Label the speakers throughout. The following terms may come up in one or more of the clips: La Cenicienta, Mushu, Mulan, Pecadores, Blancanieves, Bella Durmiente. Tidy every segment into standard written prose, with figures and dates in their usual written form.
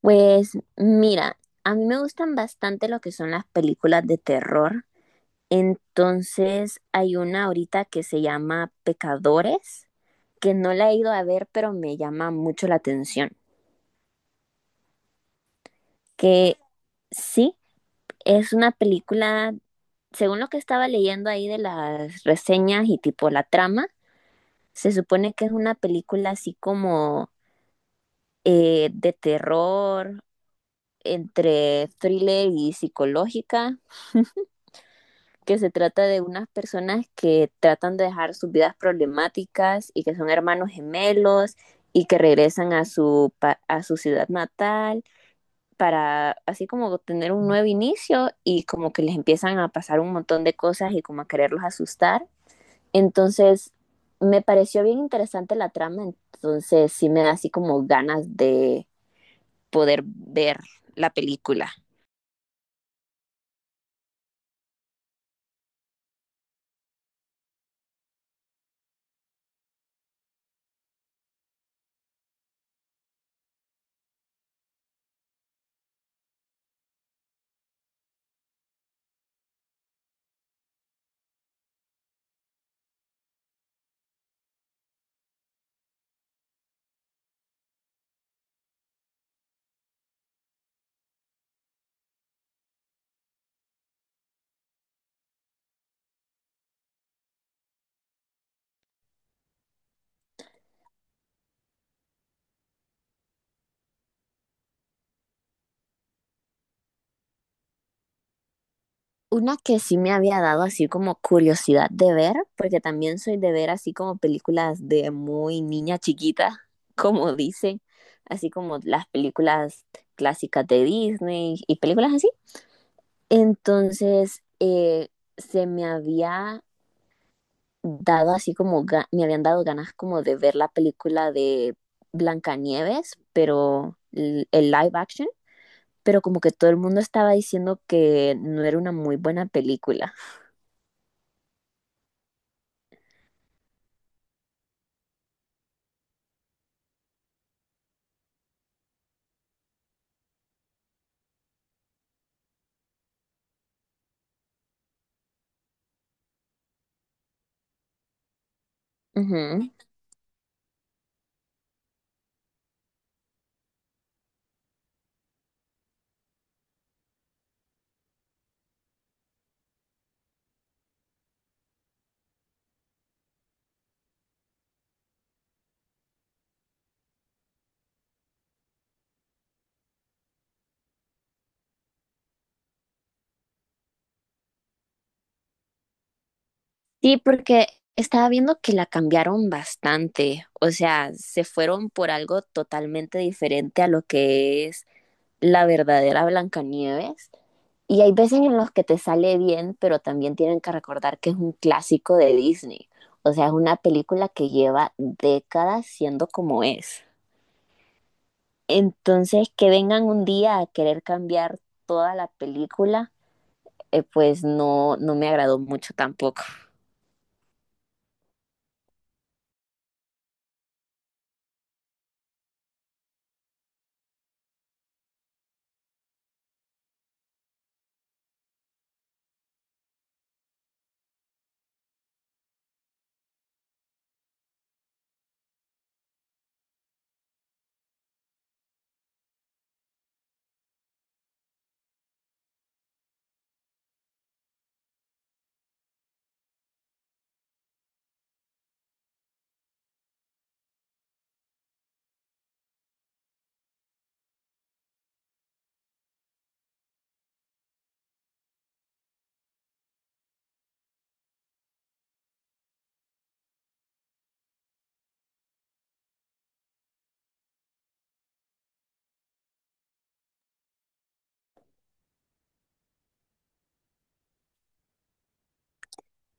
Speaker 1: Pues mira, a mí me gustan bastante lo que son las películas de terror. Entonces hay una ahorita que se llama Pecadores, que no la he ido a ver, pero me llama mucho la atención. Que sí, es una película, según lo que estaba leyendo ahí de las reseñas y tipo la trama, se supone que es una película así como de terror, entre thriller y psicológica, que se trata de unas personas que tratan de dejar sus vidas problemáticas y que son hermanos gemelos y que regresan a a su ciudad natal para así como tener un nuevo inicio y como que les empiezan a pasar un montón de cosas y como a quererlos asustar. Entonces, me pareció bien interesante la trama, entonces sí me da así como ganas de poder ver la película. Una que sí me había dado así como curiosidad de ver, porque también soy de ver así como películas de muy niña chiquita, como dicen, así como las películas clásicas de Disney y películas así. Entonces, se me había dado así como, me habían dado ganas como de ver la película de Blancanieves, pero el live action, pero como que todo el mundo estaba diciendo que no era una muy buena película. Ujú. Sí, porque estaba viendo que la cambiaron bastante, o sea, se fueron por algo totalmente diferente a lo que es la verdadera Blancanieves. Y hay veces en los que te sale bien, pero también tienen que recordar que es un clásico de Disney. O sea, es una película que lleva décadas siendo como es. Entonces, que vengan un día a querer cambiar toda la película, pues no, no me agradó mucho tampoco.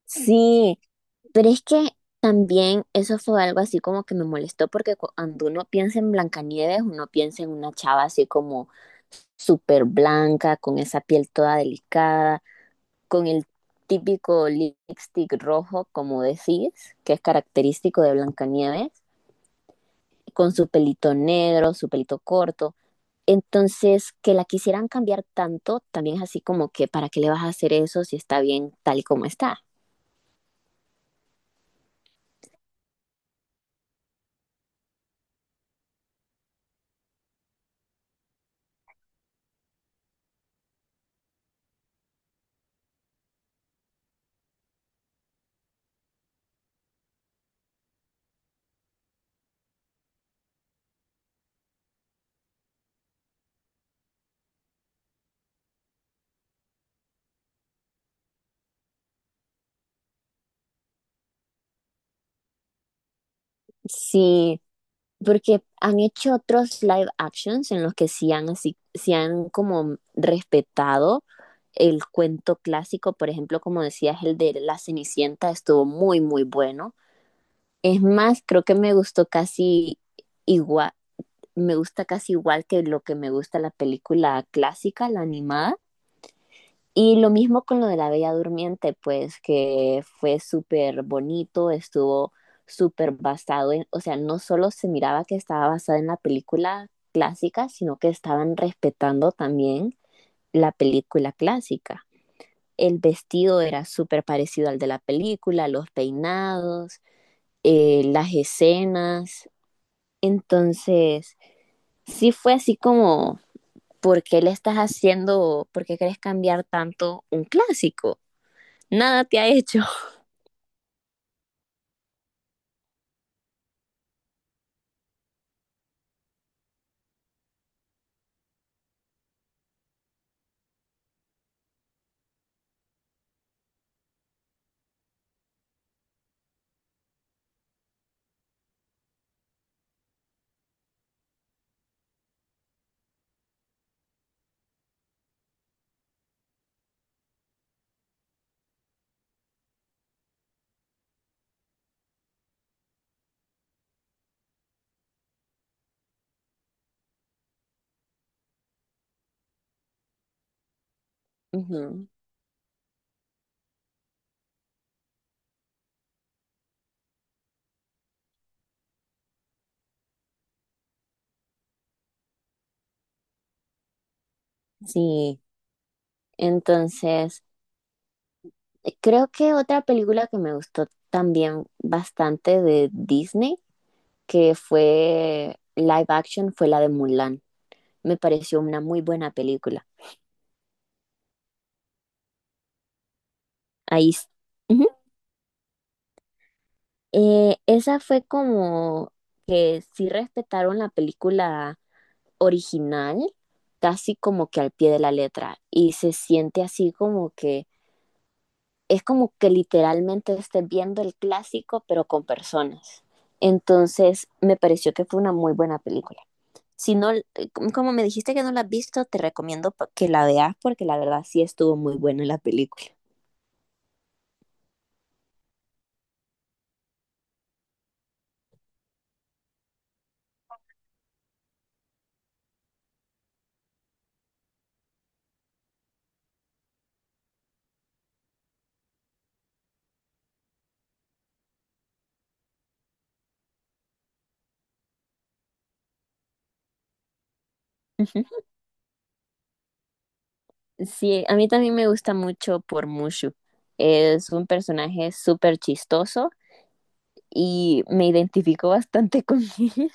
Speaker 1: Sí, pero es que también eso fue algo así como que me molestó porque cuando uno piensa en Blancanieves, uno piensa en una chava así como súper blanca, con esa piel toda delicada, con el típico lipstick rojo, como decís, que es característico de Blancanieves, con su pelito negro, su pelito corto. Entonces, que la quisieran cambiar tanto, también es así como que, ¿para qué le vas a hacer eso si está bien tal y como está? Sí, porque han hecho otros live actions en los que sí han, así, sí han como respetado el cuento clásico, por ejemplo, como decías, el de La Cenicienta estuvo muy, muy bueno. Es más, creo que me gustó casi igual, me gusta casi igual que lo que me gusta la película clásica, la animada. Y lo mismo con lo de la Bella Durmiente, pues que fue súper bonito, estuvo súper basado en, o sea, no solo se miraba que estaba basada en la película clásica, sino que estaban respetando también la película clásica. El vestido era súper parecido al de la película, los peinados, las escenas. Entonces, sí fue así como, ¿por qué le estás haciendo, por qué querés cambiar tanto un clásico? Nada te ha hecho. Ujú. Sí, entonces creo que otra película que me gustó también bastante de Disney, que fue live action, fue la de Mulan. Me pareció una muy buena película. Ahí s- Ujú. Esa fue como que sí respetaron la película original, casi como que al pie de la letra, y se siente así como que es como que literalmente estés viendo el clásico, pero con personas. Entonces, me pareció que fue una muy buena película. Si no, como me dijiste que no la has visto, te recomiendo que la veas porque la verdad sí estuvo muy buena la película. Ujú. Sí, a mí también me gusta mucho por Mushu. Es un personaje súper chistoso y me identifico bastante con él.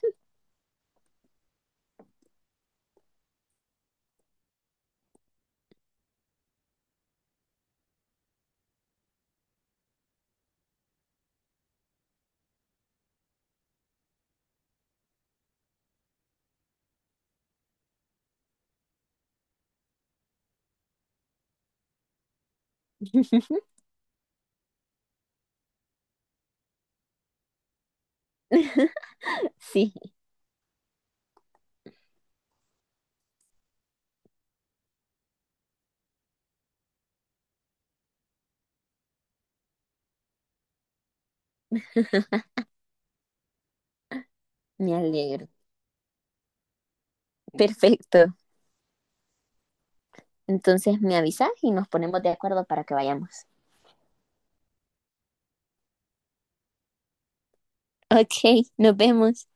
Speaker 1: Sí, me alegro. Perfecto. Entonces me avisas y nos ponemos de acuerdo para que vayamos. Ok, nos vemos.